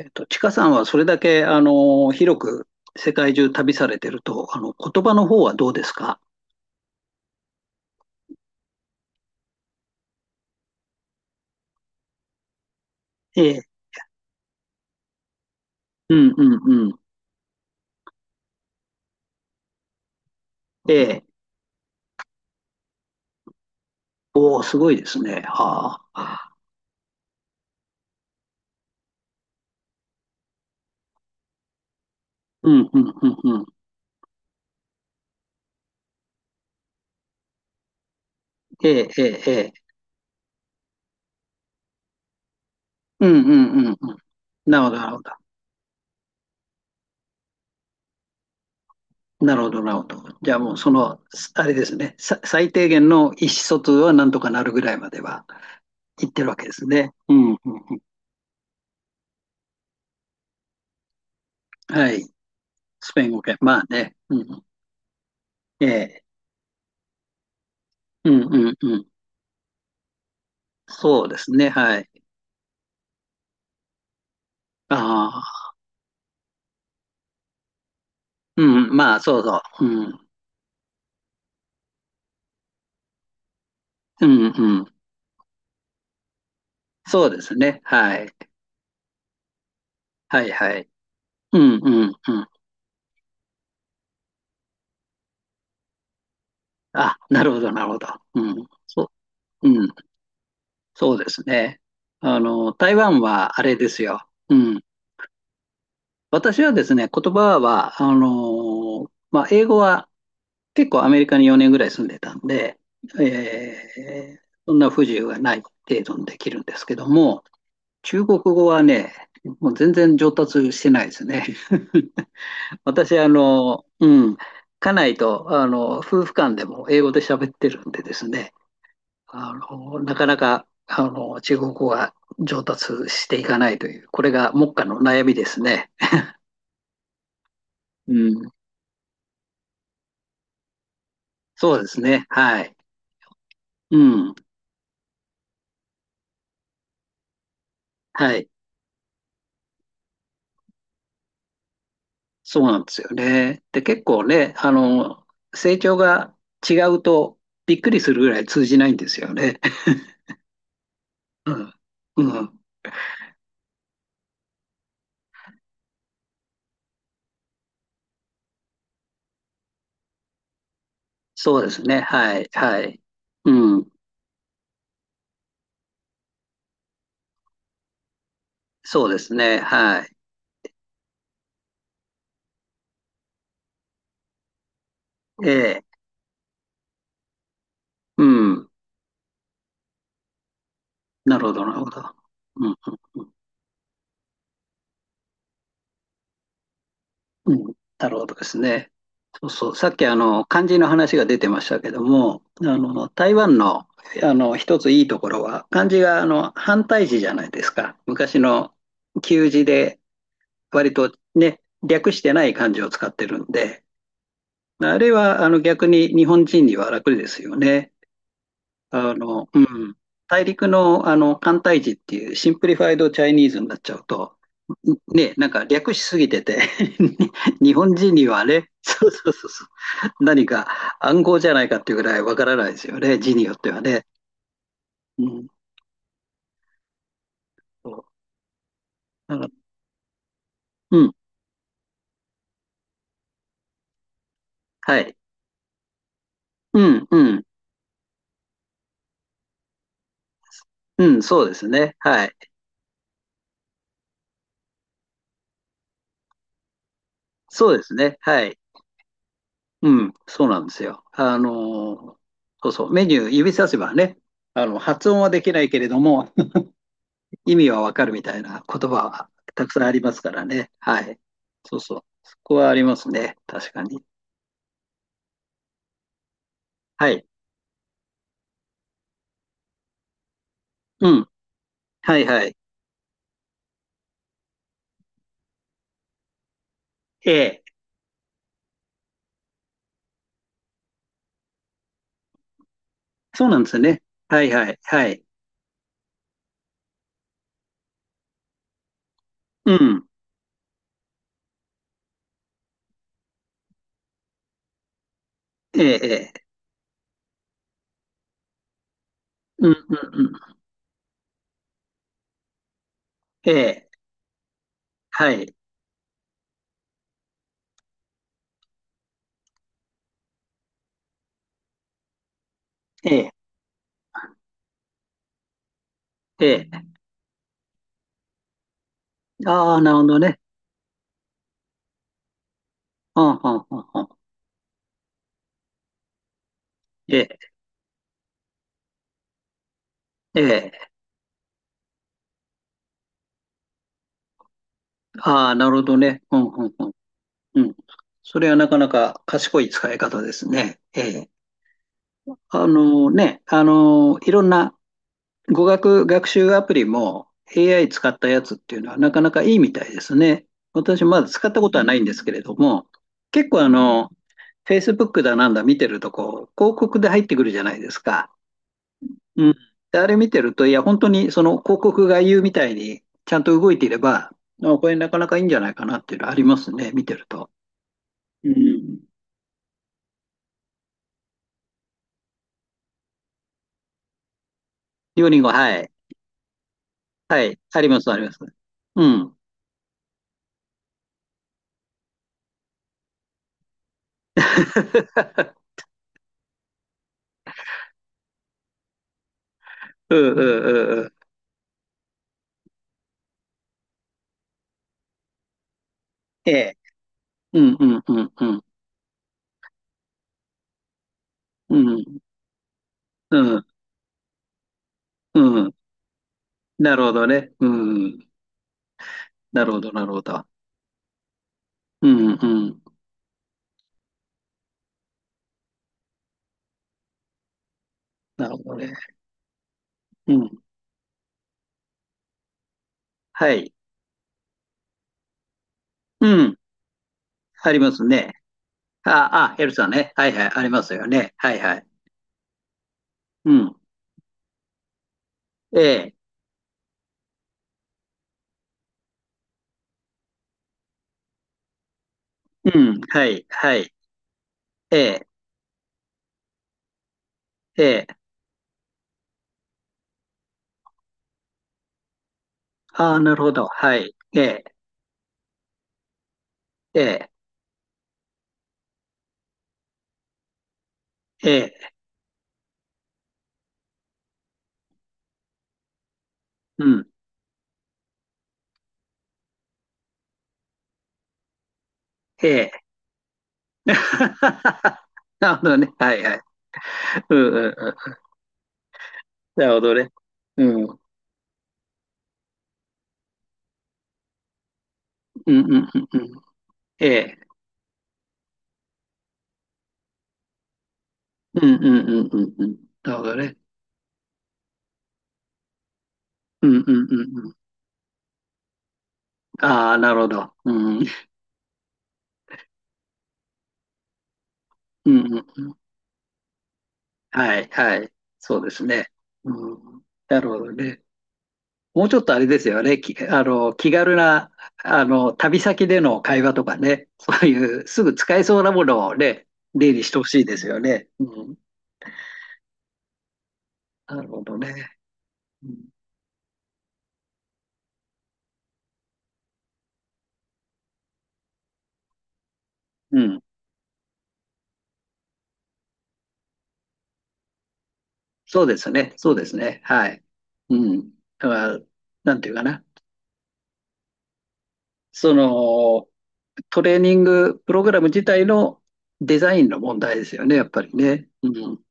ちかさんはそれだけ、広く世界中旅されてると、言葉の方はどうですか？ええ、うんうんうん。ええ、おお、すごいですね。はあ。うんうんうんうん。ええ、ええ、ええ。うんうんうんうん。なるほど、なるほど。なるほど、なるほど。じゃあもうその、すあれですね、さ最低限の意思疎通はなんとかなるぐらいまでは行ってるわけですね。うんうんうん。はい。スペイン語圏。まあね。うんうん。ええ。うんうんうん。そうですね。はい。ああ、うん、まあ、そうそう。うん、うん、うん。そうですね。はい。はい、はい。うん、うん、うん。あ、なるほど、なるほど。うん、そう、うん、そうですね。台湾はあれですよ。うん。私はですね、言葉は、まあ、英語は結構アメリカに4年ぐらい住んでたんで、そんな不自由がない程度にできるんですけども、中国語はね、もう全然上達してないですね。私、うん、家内と、夫婦間でも英語で喋ってるんでですね、なかなか、中国語が上達していかないという、これが目下の悩みですね。うん、そうですね。はい。うん、はい。そうなんですよね。で、結構ね、成長が違うとびっくりするぐらい通じないんですよね。うん、うん、そうですね。はい、はい。うん、そうですね。はい。ええうん。なるほど、なるほど。うん、うん、うん。うんなるほどですね。そうそう。さっき、漢字の話が出てましたけども、台湾の、一ついいところは、漢字が、反対字じゃないですか。昔の旧字で、割とね、略してない漢字を使ってるんで、あれは、逆に日本人には楽ですよね。あの、うん。大陸の、簡体字っていうシンプリファイドチャイニーズになっちゃうと、んね、なんか略しすぎてて 日本人にはね、そうそうそうそう、何か暗号じゃないかっていうぐらいわからないですよね、字によってはね。うん、そうだからうん、はい。うん、うん、うん、そうですね。はい。そうですね。はい。うん、そうなんですよ。そうそう、メニュー指させばね、発音はできないけれども、意味はわかるみたいな言葉はたくさんありますからね。はい。そうそう。そこはありますね。確かに。はい。うん。はいはい。ええ。そうなんですよね。はいはい。はい。うん。ええ、ええ。うん、うん、うん。ええ。はい。ええ。ええ。ああ、なるほどね。うん、うん、うん、うん。ええ。ええ。ああ、なるほどね。うん、うん、うん。うん。それはなかなか賢い使い方ですね。ええ。あのね、いろんな語学学習アプリも AI 使ったやつっていうのはなかなかいいみたいですね。私まだ使ったことはないんですけれども、結構あの、Facebook だなんだ見てるとこう、広告で入ってくるじゃないですか。うん。で、あれ見てると、いや、本当にその広告が言うみたいにちゃんと動いていれば、あこれなかなかいいんじゃないかなっていうのはありますね、見てると。うん。リオリンゴ、はい。はい。あります、あります。うん。うんうんうんうん。ええ。うんうんうんうん。うん、うん、うん。なるほどね。うん。なるほど、なるほど。うん、うん。なるほどね。うん。はい。うん。ありますね。あ、あ、ヘルさんね。はいはい。ありますよね。はいはい。うん。ええ。うん。はい、はい。ええ、ええ。ああ、なるほど。はい。ええ、ええ、ええ。うん。ええ。なるほどね。はいはい。うんうんうん。なるほどね。うん。うんうんうんうん。ええ。うんうんうんうんうん。なるほどね。うんうんうんうん。ああ、なるほど。うん。うんうんうん。はい、はい。そうですね。うん。なるほどね。もうちょっとあれですよね。き、気軽な、旅先での会話とかね。そういう、すぐ使えそうなものをね、例にしてほしいですよね。うん。なるほどね。うん。うん。そうですね。そうですね。はい。うん。だから、なんていうかな。その、トレーニングプログラム自体のデザインの問題ですよね、やっぱりね。うん。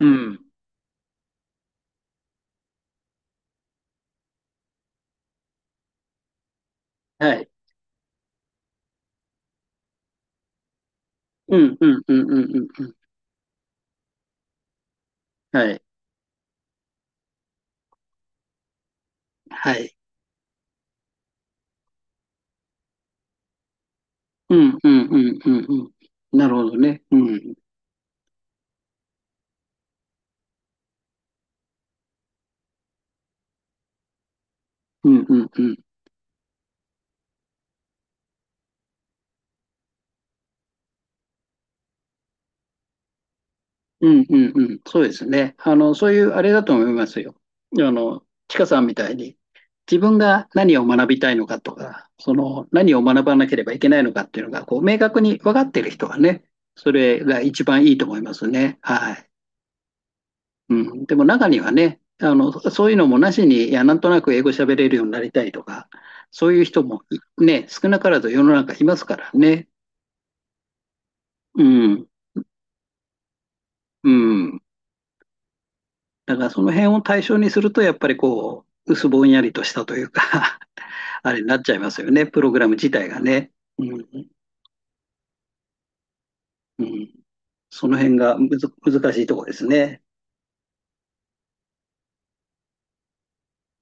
うん。はい。うん、うん、うん、うん、うん。うんはい。はい。うん、うん、うん、うん、うん。なるほどね。うん。うん、うん、うん。うん、うん、うん。そうですね。そういうあれだと思いますよ。ちかさんみたいに、自分が何を学びたいのかとか、その、何を学ばなければいけないのかっていうのが、こう、明確に分かっている人はね、それが一番いいと思いますね。はい。うん、でも中にはね、そういうのもなしに、いや、なんとなく英語喋れるようになりたいとか、そういう人もいね、少なからず世の中いますからね。うん、うん。だからその辺を対象にすると、やっぱりこう、薄ぼんやりとしたというか あれになっちゃいますよね、プログラム自体がね。うん、うん。その辺がむず、難しいところですね。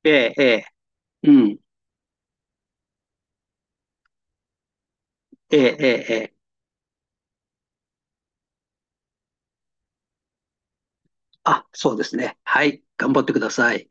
ええ、ええ、うん、ええ、ええ、ええ。あ、そうですね。はい、頑張ってください。